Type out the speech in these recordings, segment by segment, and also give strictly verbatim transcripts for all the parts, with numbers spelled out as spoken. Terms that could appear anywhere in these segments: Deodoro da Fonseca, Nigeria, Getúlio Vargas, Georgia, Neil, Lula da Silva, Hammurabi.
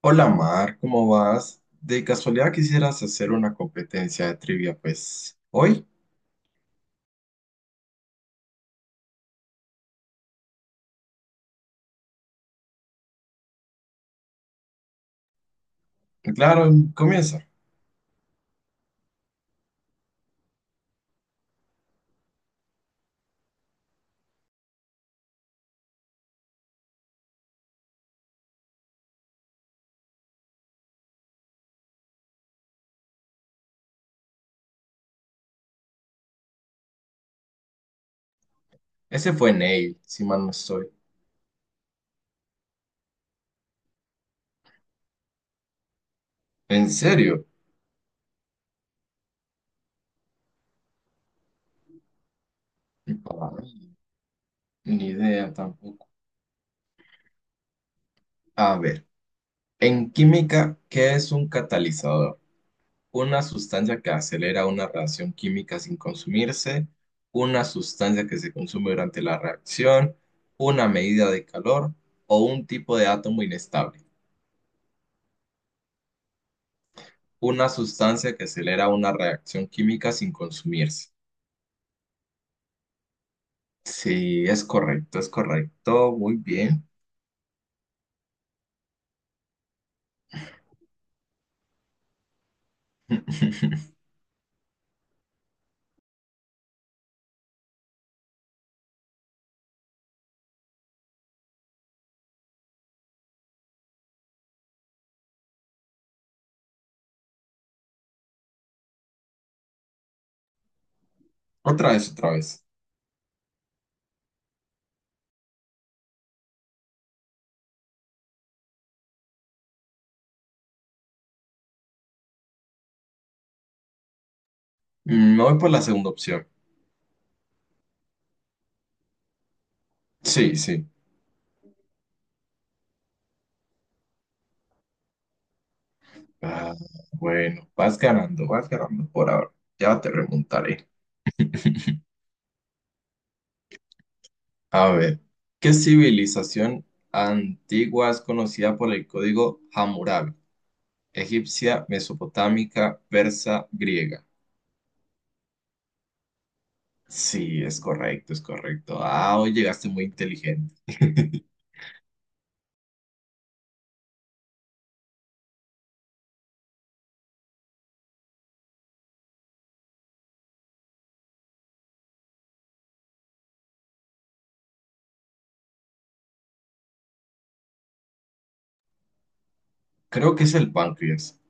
Hola Mar, ¿cómo vas? De casualidad quisieras hacer una competencia de trivia, pues hoy, claro, comienza. Ese fue Neil, si mal no estoy. ¿En serio? Ay, ni idea tampoco. A ver, en química, ¿qué es un catalizador? Una sustancia que acelera una reacción química sin consumirse, una sustancia que se consume durante la reacción, una medida de calor o un tipo de átomo inestable. Una sustancia que acelera una reacción química sin consumirse. Sí, es correcto, es correcto. Muy bien. Otra vez, otra vez. Mm, Me voy por la segunda opción. Sí, sí. Ah, bueno, vas ganando, vas ganando por ahora. Ya te remontaré. A ver, ¿qué civilización antigua es conocida por el código Hammurabi? Egipcia, mesopotámica, persa, griega. Sí, es correcto, es correcto. Ah, hoy llegaste muy inteligente. Creo que es el páncreas.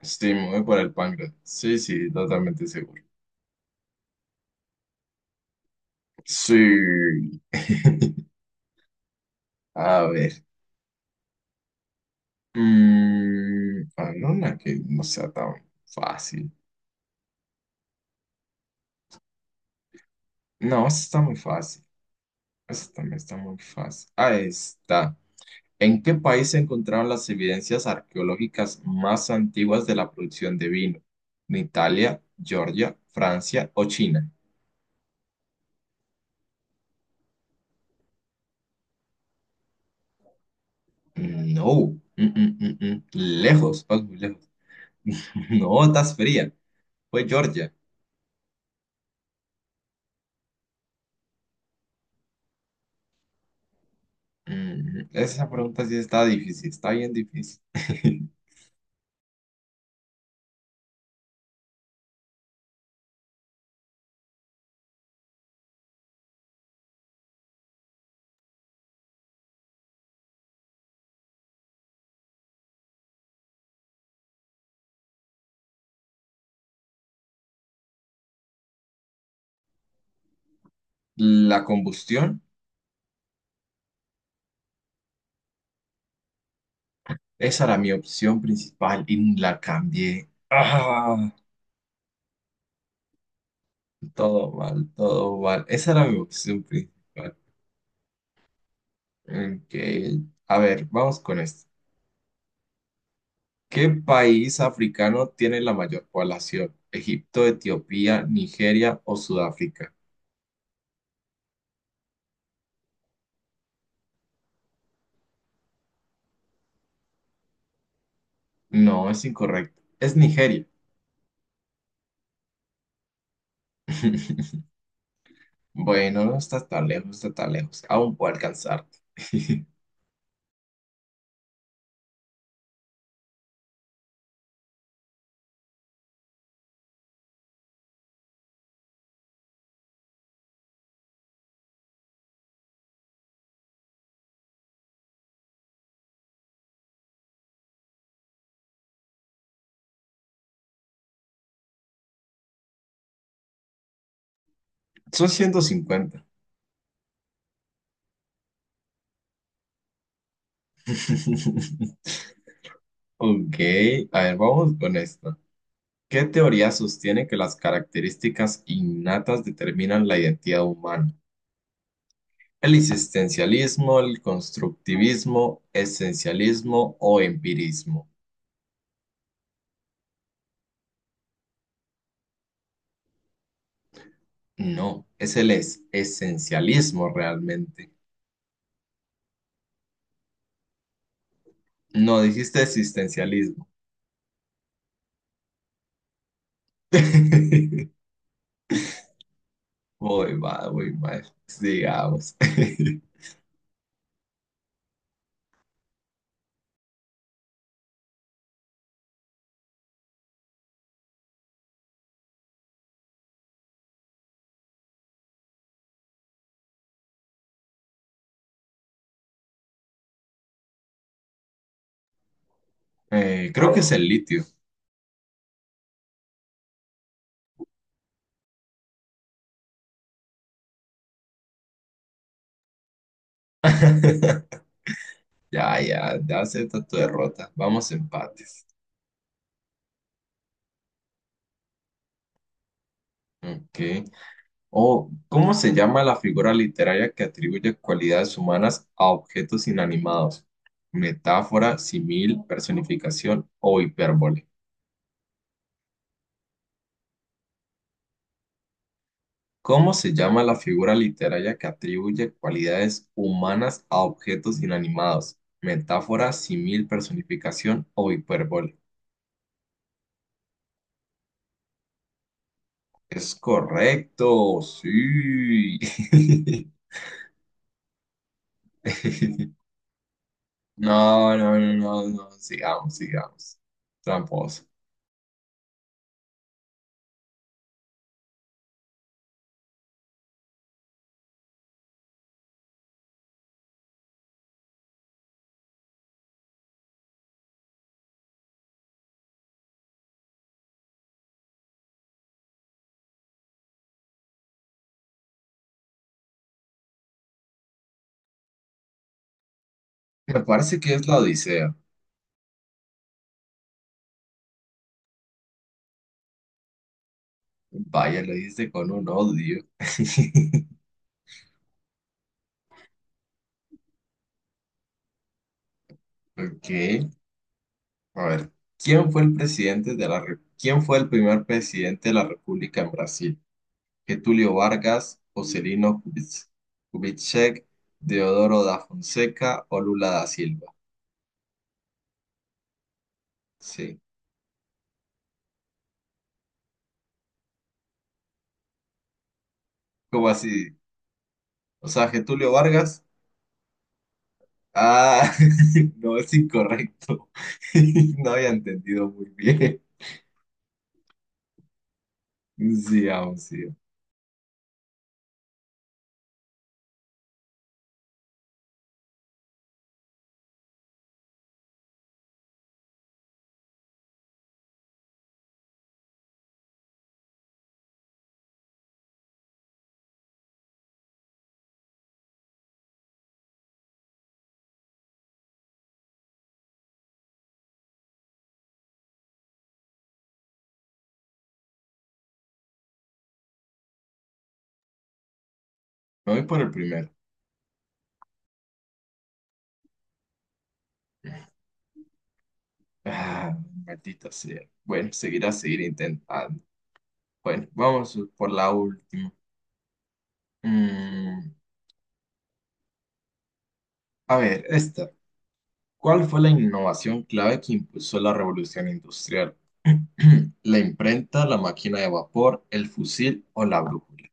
Sí, me voy por el páncreas. Sí, sí, totalmente seguro. Sí. A ver. Mm, ah, no, una que no sea tan fácil. No, esta está muy fácil. Esta también está muy fácil. Ahí está. ¿En qué país se encontraron las evidencias arqueológicas más antiguas de la producción de vino? ¿En Italia, Georgia, Francia o China? No, Mm, mm, mm, mm. lejos, vas muy lejos. No, estás fría. Fue Georgia. Mm, esa pregunta sí está difícil, está bien difícil. La combustión, esa era mi opción principal y la cambié. Ah, todo mal, todo mal. Esa era mi opción principal. Ok, a ver, vamos con esto. ¿Qué país africano tiene la mayor población? ¿Egipto, Etiopía, Nigeria o Sudáfrica? No, es incorrecto. Es Nigeria. Bueno, no está tan lejos, no está tan lejos. Aún puedo alcanzarte. Son ciento cincuenta. Ok, a ver, vamos con esto. ¿Qué teoría sostiene que las características innatas determinan la identidad humana? ¿El existencialismo, el constructivismo, esencialismo o empirismo? No, es el es esencialismo realmente. No, dijiste existencialismo. Voy mal, voy mal. Digamos. Eh, creo que es el litio. Ya, ya, ya acepta tu derrota. Vamos empates. Ok. Oh, ¿cómo se llama la figura literaria que atribuye cualidades humanas a objetos inanimados? Metáfora, símil, personificación o hipérbole. ¿Cómo se llama la figura literaria que atribuye cualidades humanas a objetos inanimados? Metáfora, símil, personificación o hipérbole. Es correcto, sí. No, no, no, no, no, sigamos, sigamos. Tramposo. Me parece que es la Odisea. Vaya, lo dice con un odio. Ok, a ver. ¿Quién fue el presidente de la, re- ¿quién fue el primer presidente de la República en Brasil? ¿Getúlio Vargas, Juscelino Kubitsch- Kubitschek, Deodoro da Fonseca o Lula da Silva? Sí. ¿Cómo así? O sea, Getúlio Vargas. Ah, no es incorrecto. No había entendido muy bien. Sí, aún sí. Me voy por el primero. Ah, maldita sea. Bueno, seguirá seguir intentando. Bueno, vamos por la última. Mm, a ver, esta. ¿Cuál fue la innovación clave que impulsó la revolución industrial? ¿La imprenta, la máquina de vapor, el fusil o la brújula?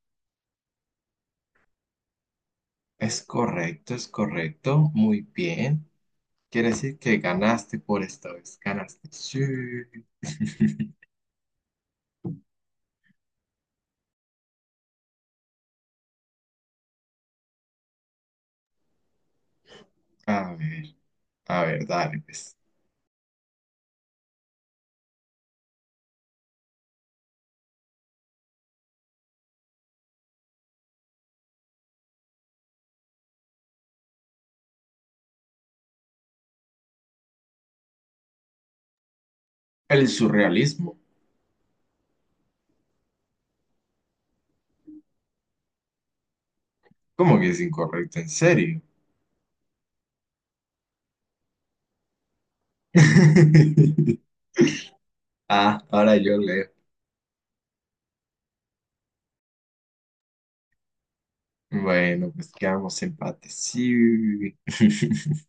Es correcto, es correcto. Muy bien. Quiere decir que ganaste por esta vez. Ganaste. Sí. A ver, a ver, dale, pues. El surrealismo. ¿Cómo que es incorrecto? ¿En serio? Ah, ahora yo leo. Bueno, pues quedamos empate. Sí.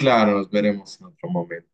Claro, nos veremos en otro momento.